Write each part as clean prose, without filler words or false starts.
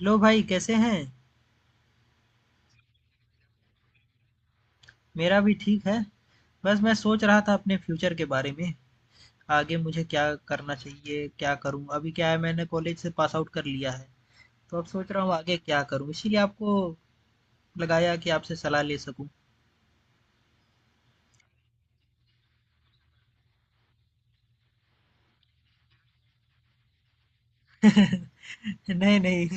Hello भाई कैसे हैं? मेरा भी ठीक है। बस मैं सोच रहा था अपने फ्यूचर के बारे में, आगे मुझे क्या करना चाहिए, क्या करूं। अभी क्या है मैंने कॉलेज से पास आउट कर लिया है, तो अब सोच रहा हूँ आगे क्या करूं। इसीलिए आपको लगाया कि आपसे सलाह ले सकूं। नहीं नहीं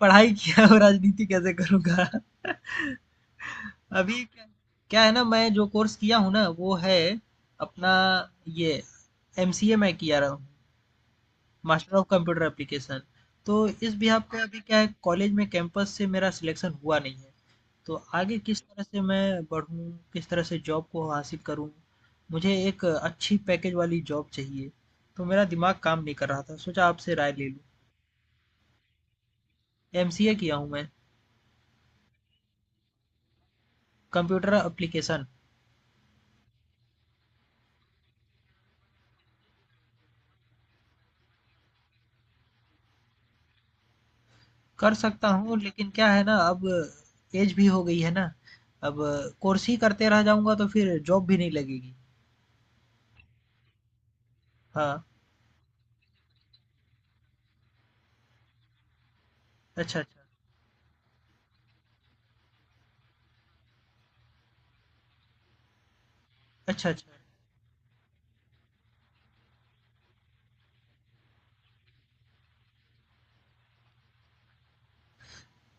पढ़ाई किया और राजनीति कैसे करूंगा। अभी क्या, क्या है ना मैं जो कोर्स किया हूँ ना वो है अपना ये एमसीए मैं किया रहा मास्टर ऑफ कंप्यूटर एप्लीकेशन तो इस बिहाफ पे अभी क्या है कॉलेज में कैंपस से मेरा सिलेक्शन हुआ नहीं है तो आगे किस तरह से मैं बढ़ूँ किस तरह से जॉब को हासिल करूँ मुझे एक अच्छी पैकेज वाली जॉब चाहिए तो मेरा दिमाग काम नहीं कर रहा था सोचा आपसे राय ले लूँ एमसीए किया हूँ मैं कंप्यूटर एप्लीकेशन कर सकता हूँ लेकिन क्या है ना अब एज भी हो गई है ना अब कोर्स ही करते रह जाऊँगा तो फिर जॉब भी नहीं लगेगी हाँ अच्छा अच्छा अच्छा अच्छा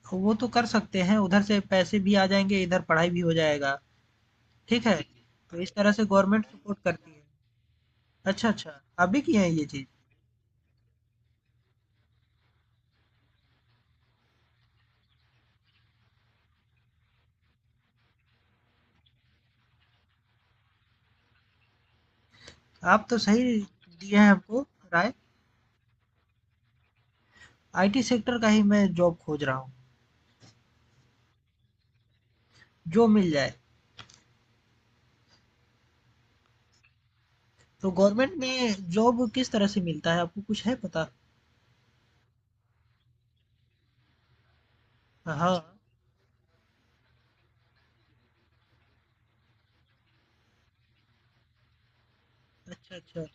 तो वो तो कर सकते हैं, उधर से पैसे भी आ जाएँगे, इधर पढ़ाई भी हो जाएगा, ठीक है? तो इस तरह से गवर्नमेंट सपोर्ट करती है। अच्छा, अच्छा, आप भी किए हैं ये चीज़? आप तो सही दिए हैं हमको राय। आईटी सेक्टर का ही मैं जॉब खोज रहा हूँ, जो मिल जाए। तो गवर्नमेंट में जॉब किस तरह से मिलता है, आपको कुछ है पता? हाँ, अच्छा, अच्छा।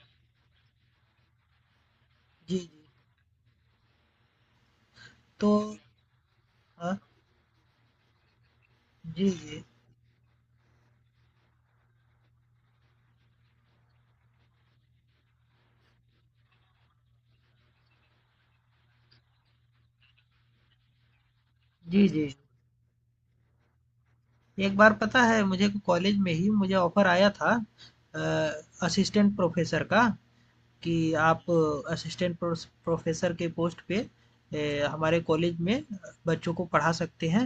जी, जी। तो हाँ, जी, जी। जी, जी। एक बार पता है मुझे कॉलेज में ही मुझे ऑफ़र आया था अ, असिस्टेंट प्रोफ़ेसर का। कि आप असिस्टेंट प्रोस प्रोफ़ेसर के पोस्ट पे हमारे कॉलेज में बच्चों को पढ़ा सकते हैं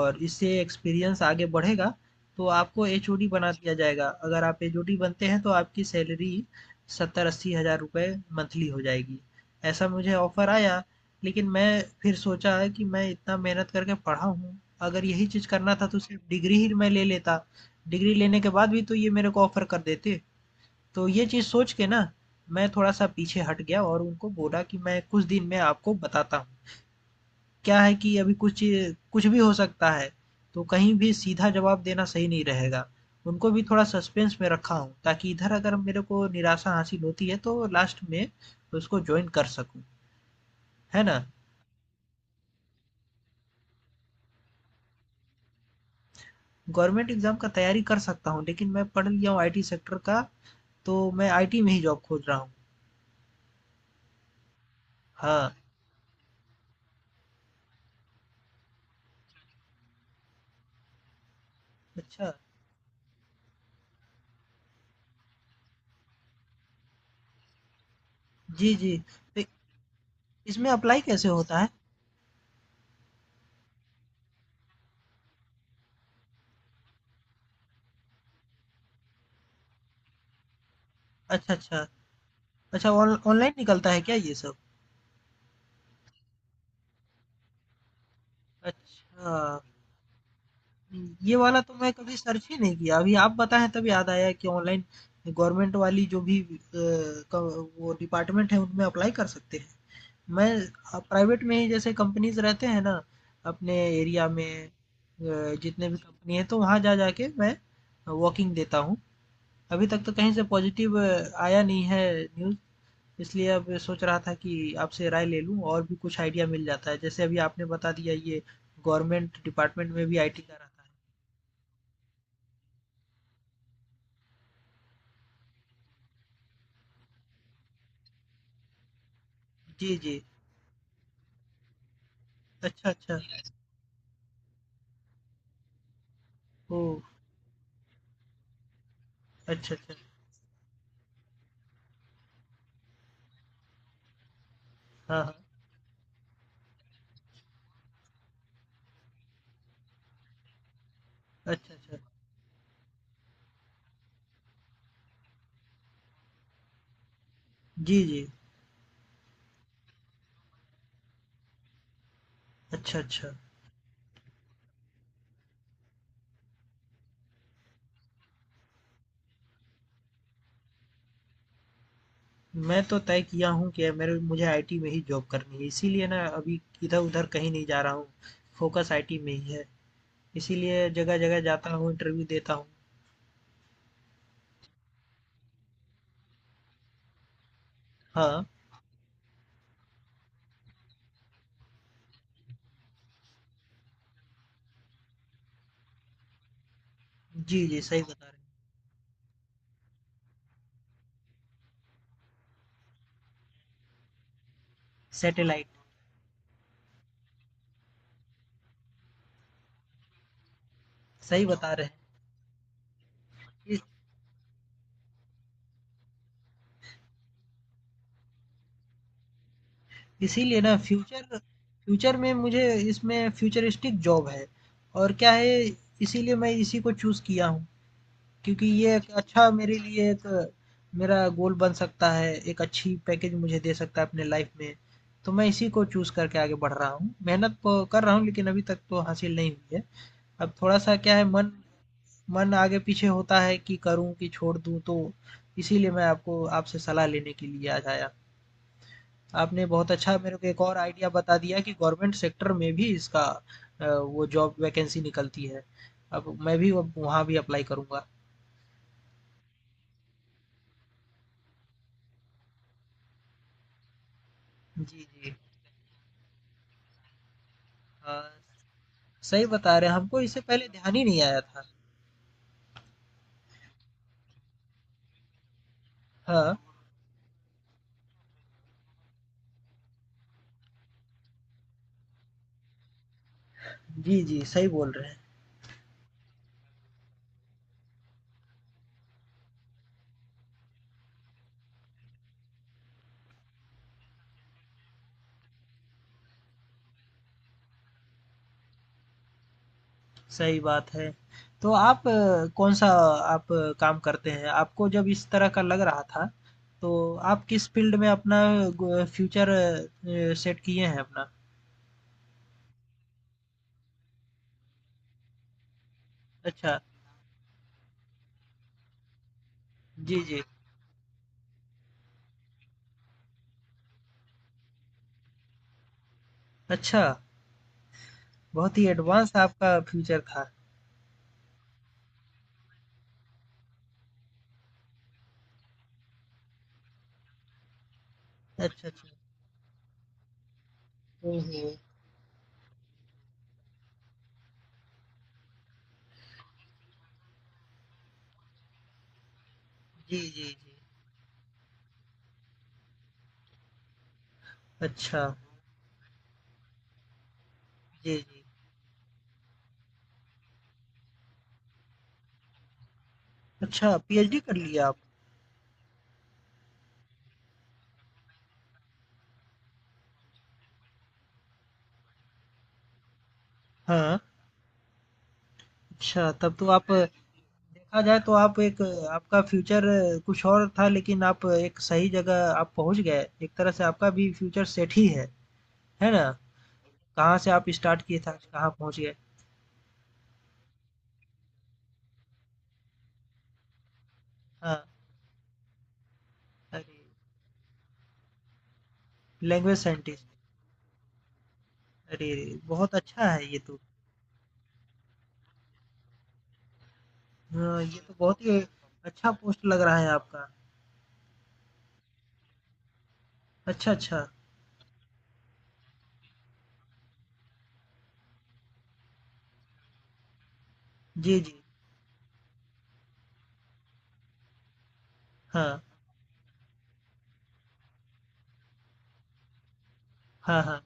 और इससे एक्सपीरियंस आगे बढ़ेगा, तो आपको एचओडी बना दिया जाएगा। अगर आप एचओडी बनते हैं तो आपकी सैलरी 70-80 हज़ार रुपए मंथली हो जाएगी। ऐसा मुझे ऑफ़र आया, लेकिन मैं फिर सोचा है कि मैं इतना मेहनत करके पढ़ा हूँ, अगर यही चीज़ करना था तो सिर्फ़ डिग्री ही मैं ले लेता। डिग्री लेने के बाद भी तो ये मेरे को ऑफ़र कर देते। तो ये चीज़ सोच के ना, मैं थोड़ा-सा पीछे हट गया और उनको बोला कि मैं कुछ दिन में आपको बताता हूँ। क्या है कि अभी कुछ भी हो सकता है, तो कहीं भी सीधा जवाब देना सही नहीं रहेगा। उनको भी थोड़ा सस्पेंस में रखा हूँ ताकि इधर अगर मेरे को निराशा हासिल होती है तो लास्ट में उसको जॉइन कर सकूँ, है ना? गवर्नमेंट एग्ज़ाम का तैयारी कर सकता हूँ लेकिन मैं पढ़ लिया हूँ आईटी सेक्टर का, तो मैं आईटी में ही जॉब खोज रहा हूँ। हाँ, अच्छा। जी, जी। तो इसमें अप्लाई कैसे होता है? अच्छा, अच्छा। अच्छा ऑन ऑनलाइन निकलता है क्या ये सब? अच्छा, ये वाला तो मैं कभी सर्च ही नहीं किया। अभी आप बताएँ तब याद आया कि ऑनलाइन गवर्नमेंट वाली जो भी अ, क वो डिपार्टमेंट है उनमें अप्लाई कर सकते हैं। मैं प्राइवेट में ही जैसे कंपनीज़ रहते हैं ना अपने एरिया में जितने भी कंपनी है तो वहाँ जा जा के मैं वॉकिंग देता हूँ। अभी तक तो कहीं से पॉजिटिव आया नहीं है न्यूज़। इसलिए अब सोच रहा था कि आपसे राय ले लूँ और भी कुछ आइडिया मिल जाता है। जैसे अभी आपने बता दिया ये गवर्नमेंट डिपार्टमेंट में भी आईटी का रहता है। जी, जी। अच्छा, अच्छा। ओह! अच्छा, अच्छा। हाँ, हाँ। अच्छा, अच्छा। जी, जी। अच्छा, अच्छा। मैं तो तय किया हूँ कि मेरे मुझे आईटी में ही जॉब करनी है। इसीलिए ना अभी इधर-उधर कहीं नहीं जा रहा हूँ। फ़ोकस आईटी में ही है। इसीलिए जगह-जगह जाता हूँ, इंटरव्यू देता हूँ। हाँ। जी, जी। सही बता रहे हैं। सैटेलाइट। सही बता रहे हैं। इसीलिए ना फ्यूचर फ्यूचर में मुझे इसमें फ्यूचरिस्टिक जॉब है और क्या है इसीलिए मैं इसी को चूज़ किया हूँ क्योंकि ये एक अच्छा मेरे लिए एक मेरा गोल बन सकता है एक अच्छी पैकेज मुझे दे सकता है अपने लाइफ में तो मैं इसी को चूज़ करके आगे बढ़ रहा हूँ मेहनत तो कर रहा हूँ लेकिन अभी तक तो हासिल नहीं हुई है अब थोड़ा सा क्या है मन मन आगे पीछे होता है कि करूँ कि छोड़ दूँ तो इसीलिए मैं आपको आपसे सलाह लेने के लिए आज आया हूं। आपने बहुत अच्छा मेरे को एक और आइडिया बता दिया कि गवर्नमेंट सेक्टर में भी इसका वो जॉब वैकेंसी निकलती है। अब वहाँ भी अप्लाई करूँगा। जी, जी। हाँ, सही बता रहे हैं, हमको इससे पहले ध्यान ही नहीं आया था। हाँ। जी, जी, सही बोल रहे हैं। सही बात है। तो आप कौन-सा आप काम करते हैं? आपको जब इस तरह का लग रहा था, तो आप किस फील्ड में अपना ग फ्यूचर सेट किए हैं अपना? अच्छा। जी, जी। अच्छा। बहुत ही एडवांस आपका फ्यूचर था। अच्छा, अच्छा। हुँ, हुँ। जी, जी, जी। अच्छा। जी, जी। अच्छा पीएचडी कर लिया आप? हाँ। अच्छा तब तो आप देखा जाए तो आप एक आपका फ्यूचर कुछ और था लेकिन आप एक सही जगह आप पहुँच गए। एक तरह से आपका भी फ्यूचर सेट ही है। है ना? कहाँ से आप स्टार्ट किए थे आज कहाँ पहुँच गए। हाँ। अरे! Language scientist. अरे रे! बहुत अच्छा है ये तो। हाँ, ये तो बहुत ही अच्छा पोस्ट लग रहा है आपका। अच्छा, अच्छा। जी, जी। हाँ। हाँ, हाँ।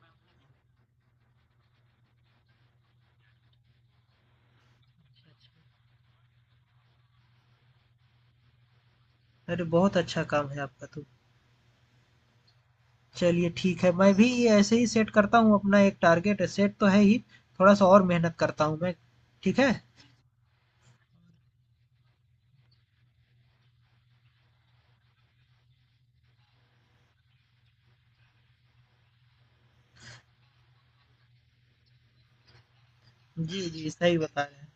अरे बहुत अच्छा काम है आपका तो। चलिए ठीक है, मैं भी ऐसे ही सेट करता हूँ अपना एक टारगेट सेट तो है ही, थोड़ा-सा और मेहनत करता हूँ मैं, ठीक है? जी, जी, सही बता रहे हैं।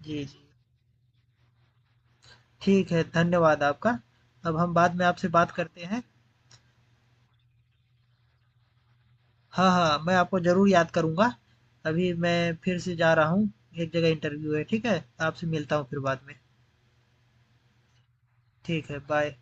जी, जी। ठीक है, धन्यवाद आपका। अब हम बाद में आपसे बात करते हैं। हाँ, हाँ, मैं आपको ज़रूर याद करूँगा। अभी मैं फिर से जा रहा हूँ, एक जगह इंटरव्यू है, ठीक है? आपसे मिलता हूँ फिर बाद में। ठीक है, बाय।